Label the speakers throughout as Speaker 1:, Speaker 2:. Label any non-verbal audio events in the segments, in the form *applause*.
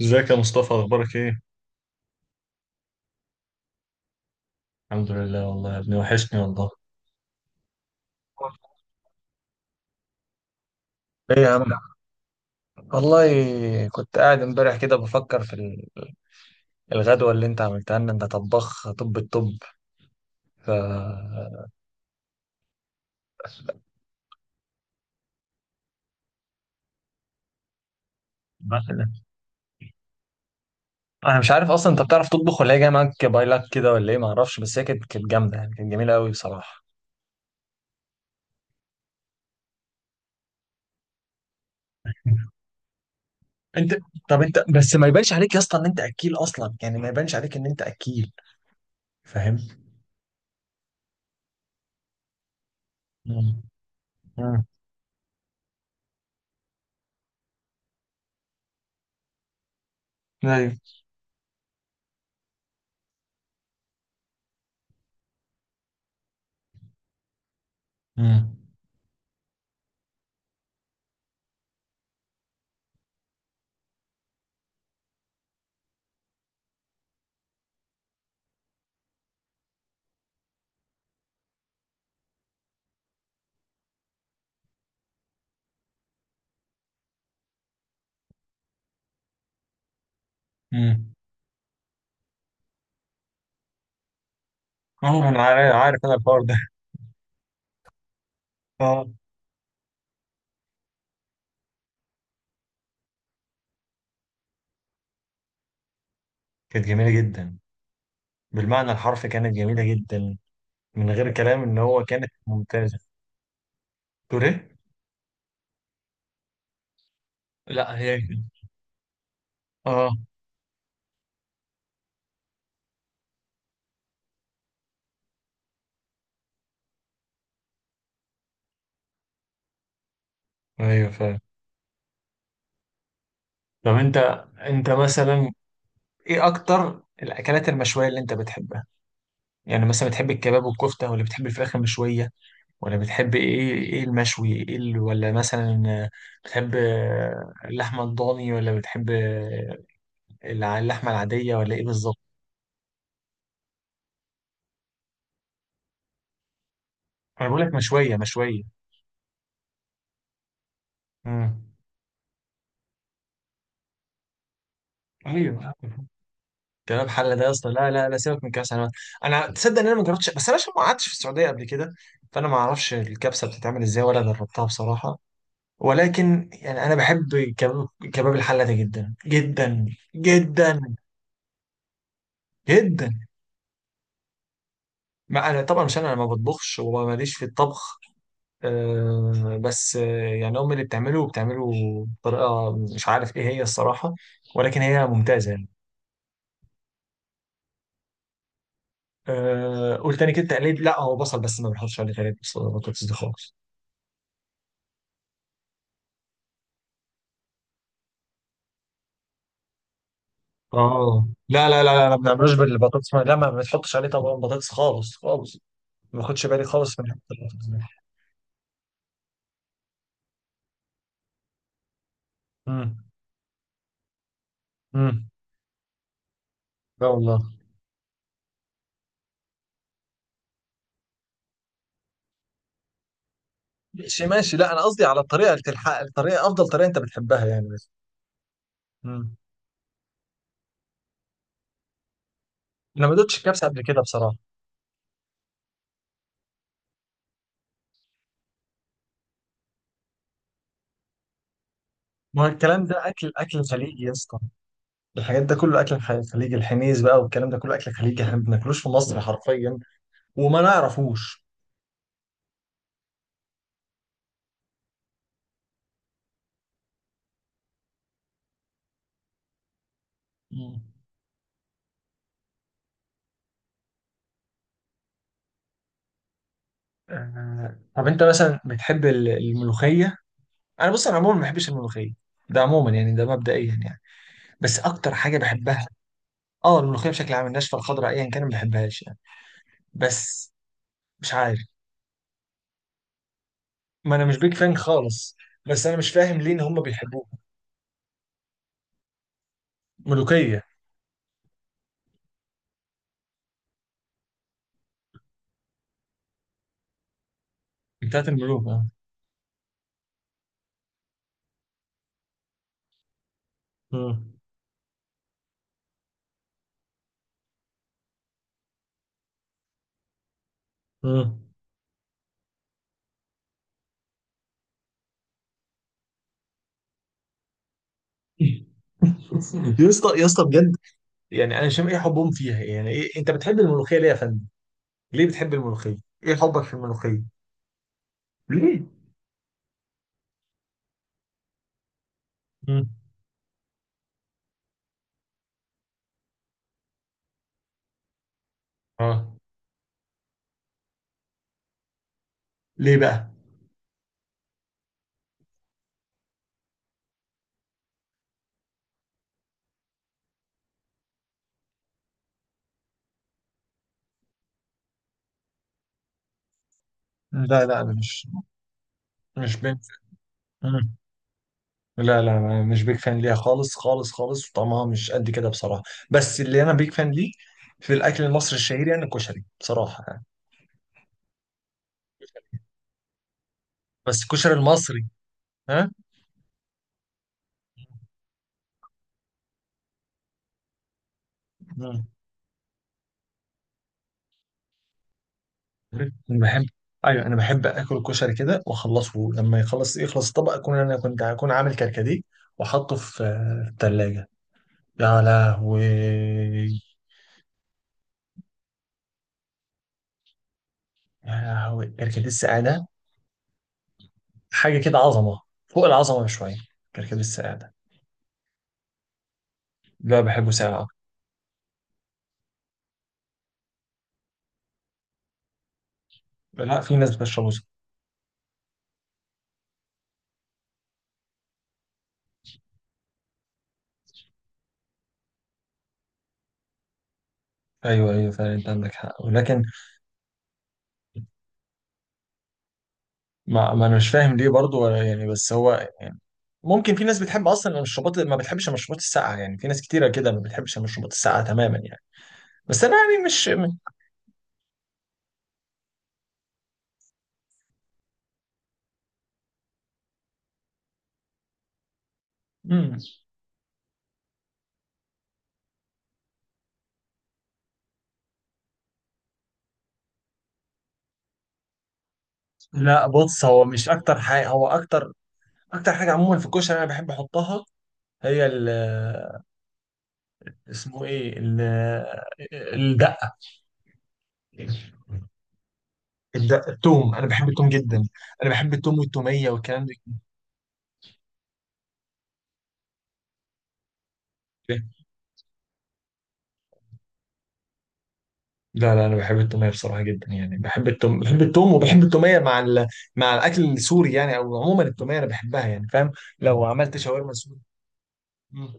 Speaker 1: ازيك يا مصطفى؟ اخبارك ايه؟ الحمد لله والله يا ابني، وحشني والله. ايه يا عم؟ والله كنت قاعد امبارح كده بفكر في الغدوة اللي انت عملتها لنا. انت طباخ طب الطب. ف *laughs* انا مش عارف اصلا انت بتعرف تطبخ ولا هي جايه معاك باي لاك كده ولا ايه؟ ما اعرفش، بس هي كانت جامده يعني، كانت جميله قوي بصراحه. انت طب انت بس ما يبانش عليك يا اسطى ان انت اكيل اصلا، يعني ما يبانش عليك ان انت اكيل، فاهم. امم. امم. ايوه. امم. امم. اه، انا عارف، انا الحوار ده. اه. كانت جميلة جدا، بالمعنى الحرفي كانت جميلة جدا، من غير كلام ان هو كانت ممتازة. تقول ايه؟ لا هي. اه. ايوه فعلا. طب انت، انت مثلا، ايه اكتر الاكلات المشوية اللي انت بتحبها؟ يعني مثلا بتحب الكباب والكفتة، ولا بتحب الفراخ المشوية، ولا بتحب ايه المشوي؟ ايه ولا مثلا بتحب اللحمة الضاني، ولا بتحب اللحمة العادية، ولا ايه بالظبط؟ انا بقول لك مشوية مشوية. امم. ايوه. كلام حل ده يا اسطى. لا، لا، لا، سيبك من كاس على. انا تصدق ان انا ما جربتش، بس انا عشان ما قعدتش في السعوديه قبل كده، فانا ما اعرفش الكبسه بتتعمل ازاي ولا جربتها بصراحه. ولكن يعني انا بحب كباب الحله ده جدا جدا، جدا جدا. ما انا طبعا، مش انا ما بطبخش وماليش في الطبخ. أه بس آه، يعني امي اللي بتعمله وبتعمله بطريقه مش عارف ايه هي الصراحه، ولكن هي ممتازه يعني. أه، قول تاني كده تقليد. لا، هو بصل بس، ما بنحطش عليه تقليد بطاطس دي خالص. اه، لا، لا، لا، لا، ما بنعملوش بالبطاطس، لا، ما بتحطش عليه طبعا بطاطس خالص خالص. ما باخدش بالي خالص من حته البطاطس دي. امم. امم. لا والله. ماشي ماشي، لا انا قصدي على الطريقه اللي تلحق، الطريقه افضل طريقه انت بتحبها يعني بس. امم. انا ما دوتش الكبسه قبل كده بصراحه. ما هو الكلام ده اكل خليجي يا اسطى، الحاجات ده كله اكل خليجي، الحنيز بقى والكلام ده كله اكل خليجي، احنا ما بناكلوش في مصر حرفيا وما نعرفوش. مم. آه، طب انت مثلا بتحب الملوخيه؟ انا بص، انا عموما ما بحبش الملوخيه، ده عموما يعني، ده مبدئيا يعني، بس اكتر حاجه بحبها. اه، الملوخيه بشكل عام، الناشفه الخضراء ايا كان ما بحبهاش يعني، بس. مش عارف، ما انا مش بيك فان خالص، بس انا مش فاهم ليه ان هم بيحبوها. ملوخيه. بتاعت الملوك اه. مم. مم. *laughs* يا اسطى يا اسطى بجد، يعني انا مش فاهم ايه حبهم فيها، يعني ايه انت بتحب الملوخيه ليه يا فندم؟ ليه بتحب الملوخيه؟ ايه حبك في الملوخيه؟ ليه؟ مم. اه، ليه بقى؟ لا، لا، انا مش بنت. لا، لا، أنا مش بيك فان ليها خالص خالص خالص، وطعمها مش قد كده بصراحة. بس اللي أنا بيك فان ليه في الأكل المصري الشهير يعني الكشري بصراحة يعني. بس الكشري المصري. ها. مم. أنا بحب أيوه، أنا بحب آكل الكشري كده وأخلصه لما يخلص، يخلص الطبق، أكون أنا كنت أكون عامل كركديه وأحطه في التلاجة. يا لهوي. يا لهوي، كركديه السعادة، حاجة كده عظمة، فوق العظمة بشوية، كركديه السعادة. لا، بحبه ساقع. لا، في ناس بتشربه. ايوه، ايوه، فعلا انت عندك حق، ولكن، ما انا مش فاهم ليه برضو ولا يعني، بس هو يعني، ممكن في ناس بتحب اصلا المشروبات، ما بتحبش المشروبات الساقعه يعني، في ناس كتيره كده ما بتحبش المشروبات الساقعه تماما يعني، بس انا يعني مش. مم. لا بص، هو مش اكتر حاجه، هو اكتر، اكتر حاجه عموما في الكشري انا بحب احطها، هي اسمه ايه الدقه الدقه، التوم، انا بحب التوم جدا. انا بحب التوم والتوميه والكلام ده. لا، لا، انا بحب التوميه بصراحه جدا يعني، بحب التوم، بحب التوم وبحب التوميه مع مع الاكل السوري يعني، او عموما التوميه انا بحبها يعني، فاهم. لو عملت شاورما سوري. مم.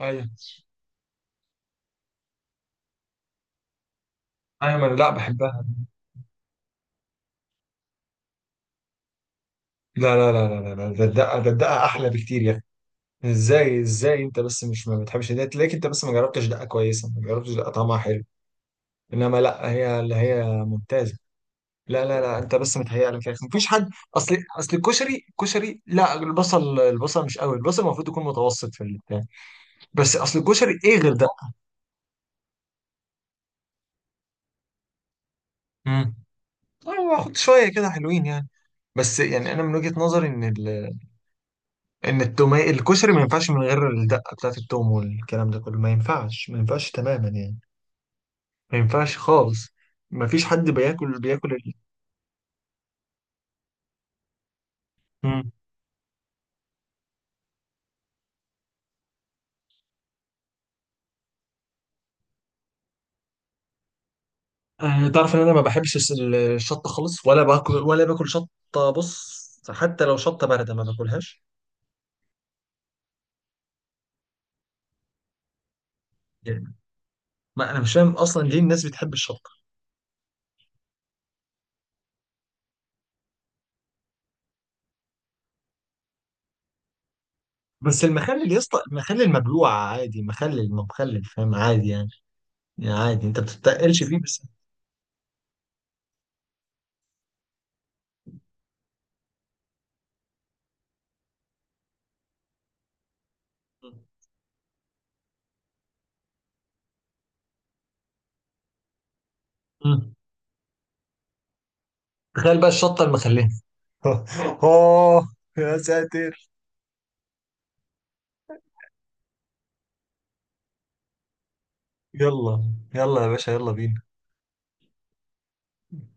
Speaker 1: ايوه، ايوه، ما انا لا بحبها. لا، لا، لا، لا، لا، لا، ده الدقه احلى بكتير يا اخي. ازاي، ازاي انت بس مش ما بتحبش ده؟ تلاقيك انت بس ما جربتش دقه كويسه، ما جربتش دقه طعمها حلو. انما لا، هي اللي هي ممتازه. لا، لا، لا، انت بس متهيأ لك يا اخي، مفيش حد. اصل الكشري، لا، البصل مش قوي، البصل المفروض يكون متوسط في البتاع، بس اصل الكشري ايه غير ده؟ مم. هو واخد شويه كده حلوين يعني. بس يعني انا من وجهة نظري ان ان التوميه، الكشري ما ينفعش من غير الدقه بتاعت التوم والكلام ده كله، ما ينفعش، ما ينفعش تماما يعني، ما ينفعش خالص، ما فيش حد بياكل . مم. آه، تعرف ان انا ما بحبش الشطه خالص، ولا باكل شطه، بص، حتى لو شطه بارده ما باكلهاش. يعني ما انا مش فاهم اصلا ليه الناس بتحب الشطه. بس المخلل يا اسطى، المخلل مبلوع عادي، مخلل ما مخلل، فاهم، عادي يعني، يعني عادي انت بتتقلش فيه بس. مم. تخيل بقى الشطة المخلية. *laughs* اوه، يا ساتر. يلا يلا يا باشا، يلا بينا.